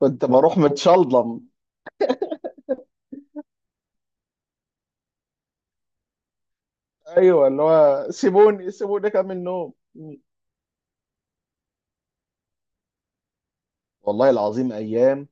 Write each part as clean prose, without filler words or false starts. كنت بروح متشلضم. ايوه، اللي هو سيبوني سيبوني كام النوم. والله العظيم ايام.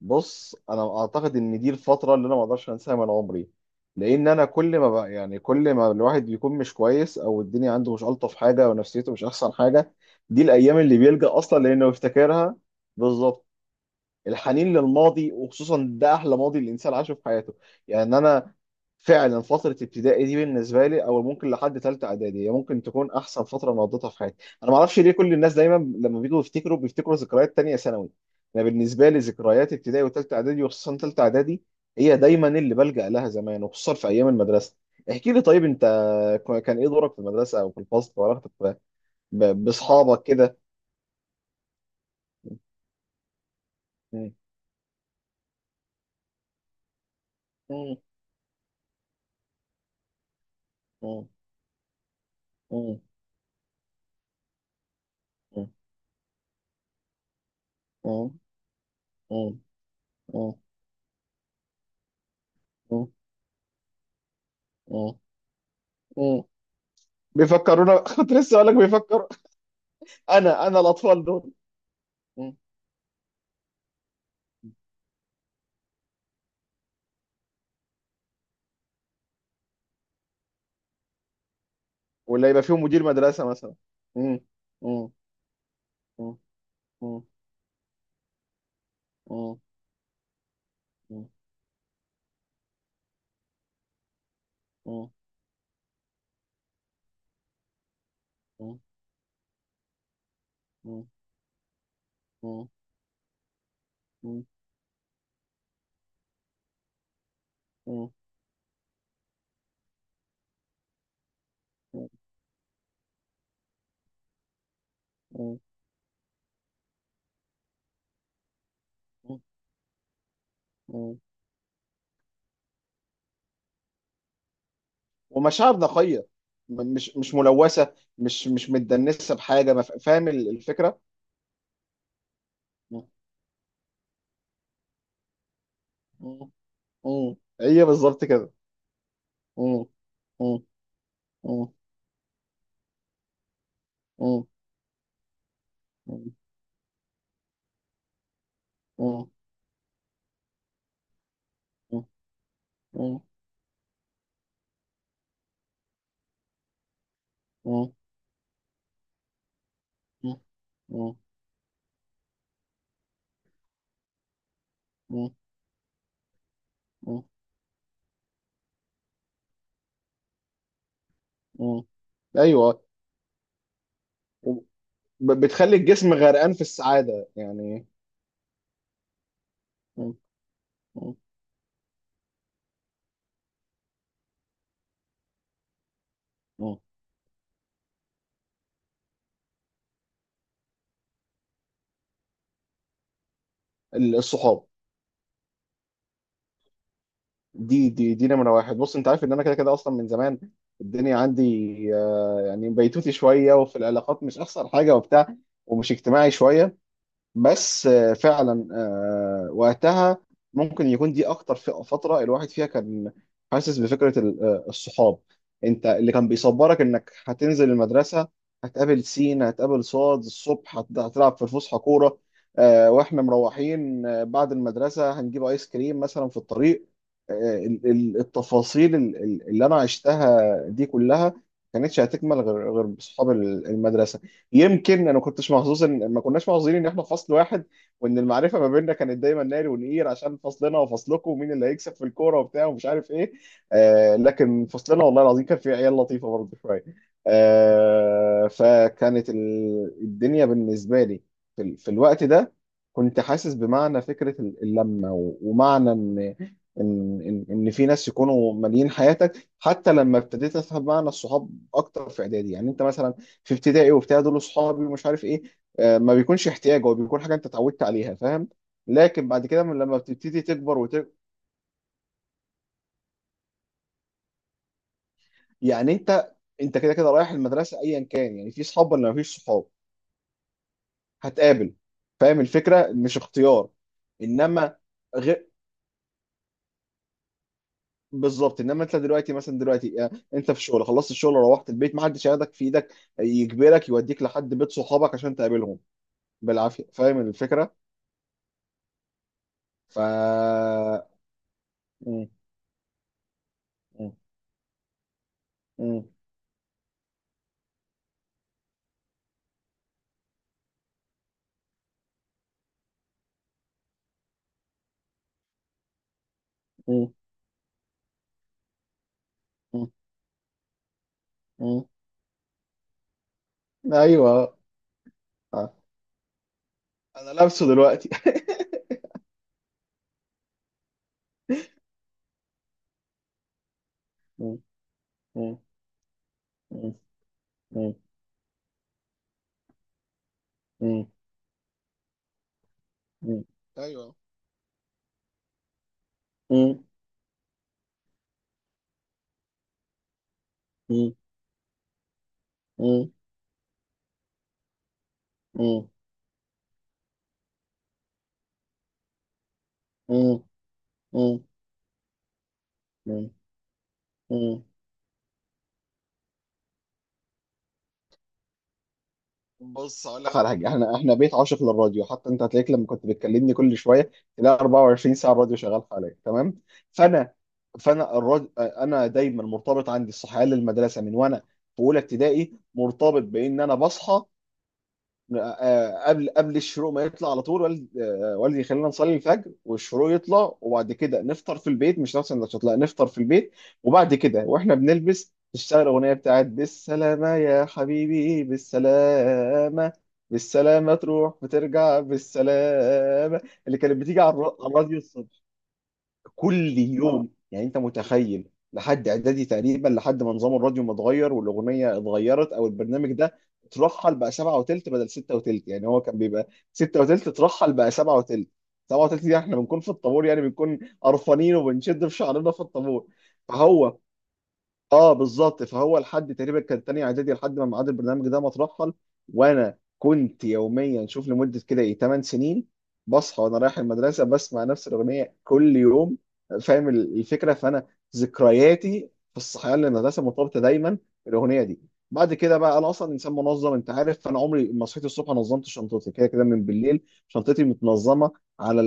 بص انا اعتقد ان دي الفتره اللي انا ما اقدرش انساها من عمري، لان انا كل ما بقى يعني كل ما الواحد بيكون مش كويس او الدنيا عنده مش الطف حاجه ونفسيته مش احسن حاجه، دي الايام اللي بيلجأ اصلا لانه يفتكرها. بالظبط. الحنين للماضي، وخصوصا ده احلى ماضي الانسان عاشه في حياته. يعني انا فعلا فتره ابتدائي دي بالنسبه لي، او ممكن لحد ثالثه اعدادي، هي ممكن تكون احسن فتره انا قضيتها في حياتي. انا ما اعرفش ليه كل الناس دايما لما بيجوا يفتكروا بيفتكروا ذكريات تانية ثانوي. انا بالنسبه لي ذكريات ابتدائي وثالثه اعدادي، وخصوصا ثالثه اعدادي، هي دايما اللي بلجأ لها زمان، وخصوصا في ايام المدرسه. احكي لي طيب انت، كان ايه دورك في المدرسه او في الفصل، وعلاقتك باصحابك كده؟ مم. مم. مم. مم. مم. مم. اه. اه. اه. اه. بيفكرونا كنت لسه اقول لك بيفكر. انا الاطفال دول. م. ولا يبقى فيهم مدير مدرسه مثلا؟ م. م. م. م. م. م. م. م. م. م. م. م. م. م. ومشاعر نقيه، مش ملوثه مش متدنسه بحاجه ما، فاهم الفكره؟ م. م. م. هي بالظبط كده. م. م. م. م. م. م. م. مم. مم. مم. مم. مم. ايوه، بتخلي الجسم غرقان في السعاده يعني. مم. مم. مم. الصحاب، دي نمره واحد. بص انت عارف ان انا كده كده اصلا من زمان الدنيا عندي يعني بيتوتي شويه، وفي العلاقات مش احسن حاجه وبتاع، ومش اجتماعي شويه، بس فعلا وقتها ممكن يكون دي اكتر فتره الواحد فيها كان حاسس بفكره الصحاب. انت اللي كان بيصبرك انك هتنزل المدرسه، هتقابل سين، هتقابل صاد الصبح، هتلعب في الفسحه كوره، واحنا مروحين بعد المدرسه هنجيب ايس كريم مثلا في الطريق. التفاصيل اللي انا عشتها دي كلها، ما كانتش هتكمل غير بصحاب المدرسه. يمكن انا ما كنتش محظوظ ان ما كناش محظوظين ان احنا في فصل واحد، وان المعرفه ما بيننا كانت دايما ناري ونقير عشان فصلنا وفصلكم ومين اللي هيكسب في الكوره وبتاع ومش عارف ايه. آه، لكن فصلنا والله العظيم كان فيه عيال لطيفه برضه شويه. آه، فكانت الدنيا بالنسبه لي في الوقت ده كنت حاسس بمعنى فكره اللمه ومعنى ان ان ان إن في ناس يكونوا ماليين حياتك، حتى لما ابتديت افهم معنى الصحاب اكتر في اعدادي. يعني انت مثلا في ابتدائي وبتاع دول اصحابي ومش عارف ايه، ما بيكونش احتياج، هو بيكون حاجه انت اتعودت عليها، فاهم؟ لكن بعد كده من لما بتبتدي تكبر يعني انت كده كده رايح المدرسه ايا كان، يعني في صحاب ولا ما فيش صحاب هتقابل، فاهم الفكره؟ مش اختيار. انما غير، بالظبط، انما انت دلوقتي مثلا، دلوقتي انت في شغل، خلصت الشغل، روحت البيت، ما حدش هياخدك في ايدك يجبرك يوديك لحد بيت صحابك عشان تقابلهم بالعافيه، فاهم الفكره؟ ف م- م- م- م- مم. ايوه. آه. انا لابسه دلوقتي مم. مم. مم. مم. مم. مم. ايوه. مم. مم. مم. مم. مم. مم. مم. مم. بص اقول لك اخر حاجه، احنا احنا بيت عاشق للراديو، حتى انت هتلاقيك لما كنت بتكلمني كل شويه تلاقي 24 ساعه الراديو شغال حواليا، تمام؟ فانا فانا الراديو انا دايما مرتبط عندي الصحيان للمدرسه من وانا في اولى ابتدائي، مرتبط بان انا بصحى قبل الشروق ما يطلع على طول، والدي والدي يخلينا نصلي الفجر، والشروق يطلع وبعد كده نفطر في البيت، مش نفس السندوتشات، لا، نفطر في البيت. وبعد كده واحنا بنلبس تشتغل اغنيه بتاعت بالسلامه يا حبيبي بالسلامه، بالسلامه تروح وترجع بالسلامه، اللي كانت بتيجي على على الراديو كل يوم. يعني انت متخيل لحد اعدادي تقريبا، لحد ما نظام الراديو ما اتغير والاغنيه اتغيرت او البرنامج ده اترحل بقى 7:20 بدل 6:20. يعني هو كان بيبقى 6:20، اترحل بقى سبعة وتلت. 7:20 دي احنا بنكون في الطابور، يعني بنكون قرفانين وبنشد في شعرنا في الطابور. فهو اه بالظبط، فهو لحد تقريبا كان تاني اعدادي لحد ما ميعاد البرنامج ده ما اترحل. وانا كنت يوميا شوف لمده كده ايه 8 سنين بصحى وانا رايح المدرسه بسمع نفس الاغنيه كل يوم. فاهم الفكره؟ فانا ذكرياتي في الصحيان للمدرسه مرتبطه دايما بالاغنيه دي. بعد كده بقى، انا اصلا انسان منظم انت عارف، فانا عمري ما صحيت الصبح نظمت شنطتي، كده كده من بالليل شنطتي متنظمه على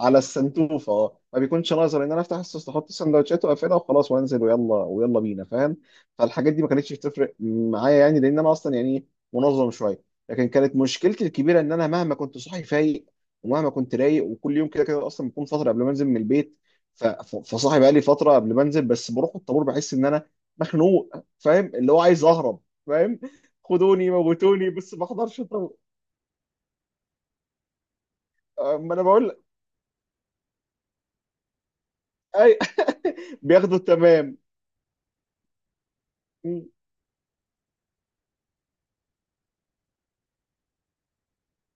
السنتوفه. اه، ما بيكونش ناظر ان انا افتح السوست احط السندوتشات واقفلها وخلاص وانزل ويلا ويلا بينا، فاهم؟ فالحاجات دي ما كانتش بتفرق معايا، يعني لان انا اصلا يعني منظم شويه. لكن كانت مشكلتي الكبيره ان انا مهما كنت صاحي فايق، ومهما كنت رايق وكل يوم كده كده اصلا بكون فتره قبل ما انزل من البيت، فصاحي بقى لي فتره قبل ما انزل، بس بروح الطابور بحس ان انا مخنوق، فاهم اللي هو عايز اهرب، فاهم؟ خدوني موتوني بس ما احضرش الطابور. أه، ما انا بقول. اي. بياخدوا، تمام.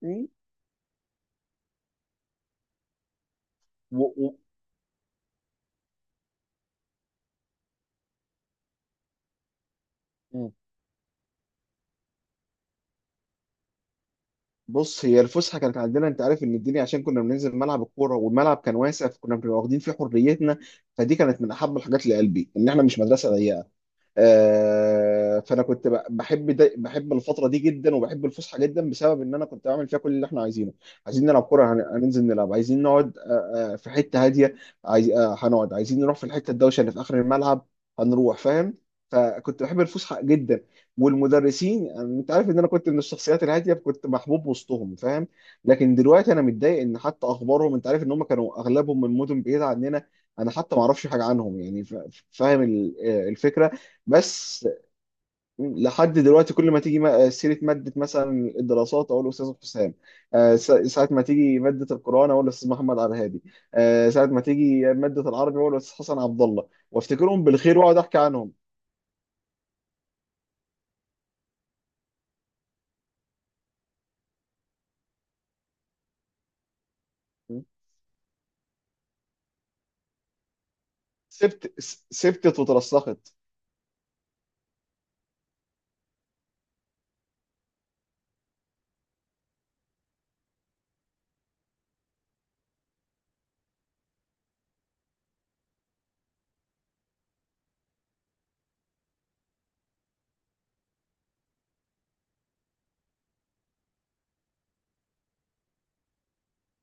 و- و- و- مم. بص، هي الفسحه كانت عندنا انت عارف ان الدنيا، عشان كنا بننزل ملعب الكوره والملعب كان واسع، فكنا بنبقى واخدين فيه حريتنا. فدي كانت من احب الحاجات لقلبي، ان احنا مش مدرسه ضيقه. فانا كنت بحب الفتره دي جدا، وبحب الفسحه جدا بسبب ان انا كنت بعمل فيها كل اللي احنا عايزينه. عايزين نلعب كوره هننزل نلعب، عايزين نقعد في حته هاديه، عايز هنقعد، عايزين نروح في الحته الدوشه اللي في اخر الملعب هنروح، فاهم؟ فكنت بحب الفسحه جدا. والمدرسين يعني انت عارف ان انا كنت من الشخصيات الهاديه، كنت محبوب وسطهم فاهم، لكن دلوقتي انا متضايق ان حتى اخبارهم، انت عارف ان هم كانوا اغلبهم من مدن بعيده عننا، انا حتى ما اعرفش حاجه عنهم. يعني فاهم الفكره؟ بس لحد دلوقتي كل ما تيجي سيرة مادة مثلا الدراسات أقول الأستاذ حسام، ساعة ما تيجي مادة القرآن أقول الأستاذ محمد عبد الهادي، ساعة ما تيجي مادة العربي أقول الأستاذ حسن عبد الله، وافتكرهم بالخير وأقعد أحكي عنهم. سبتت وترسخت.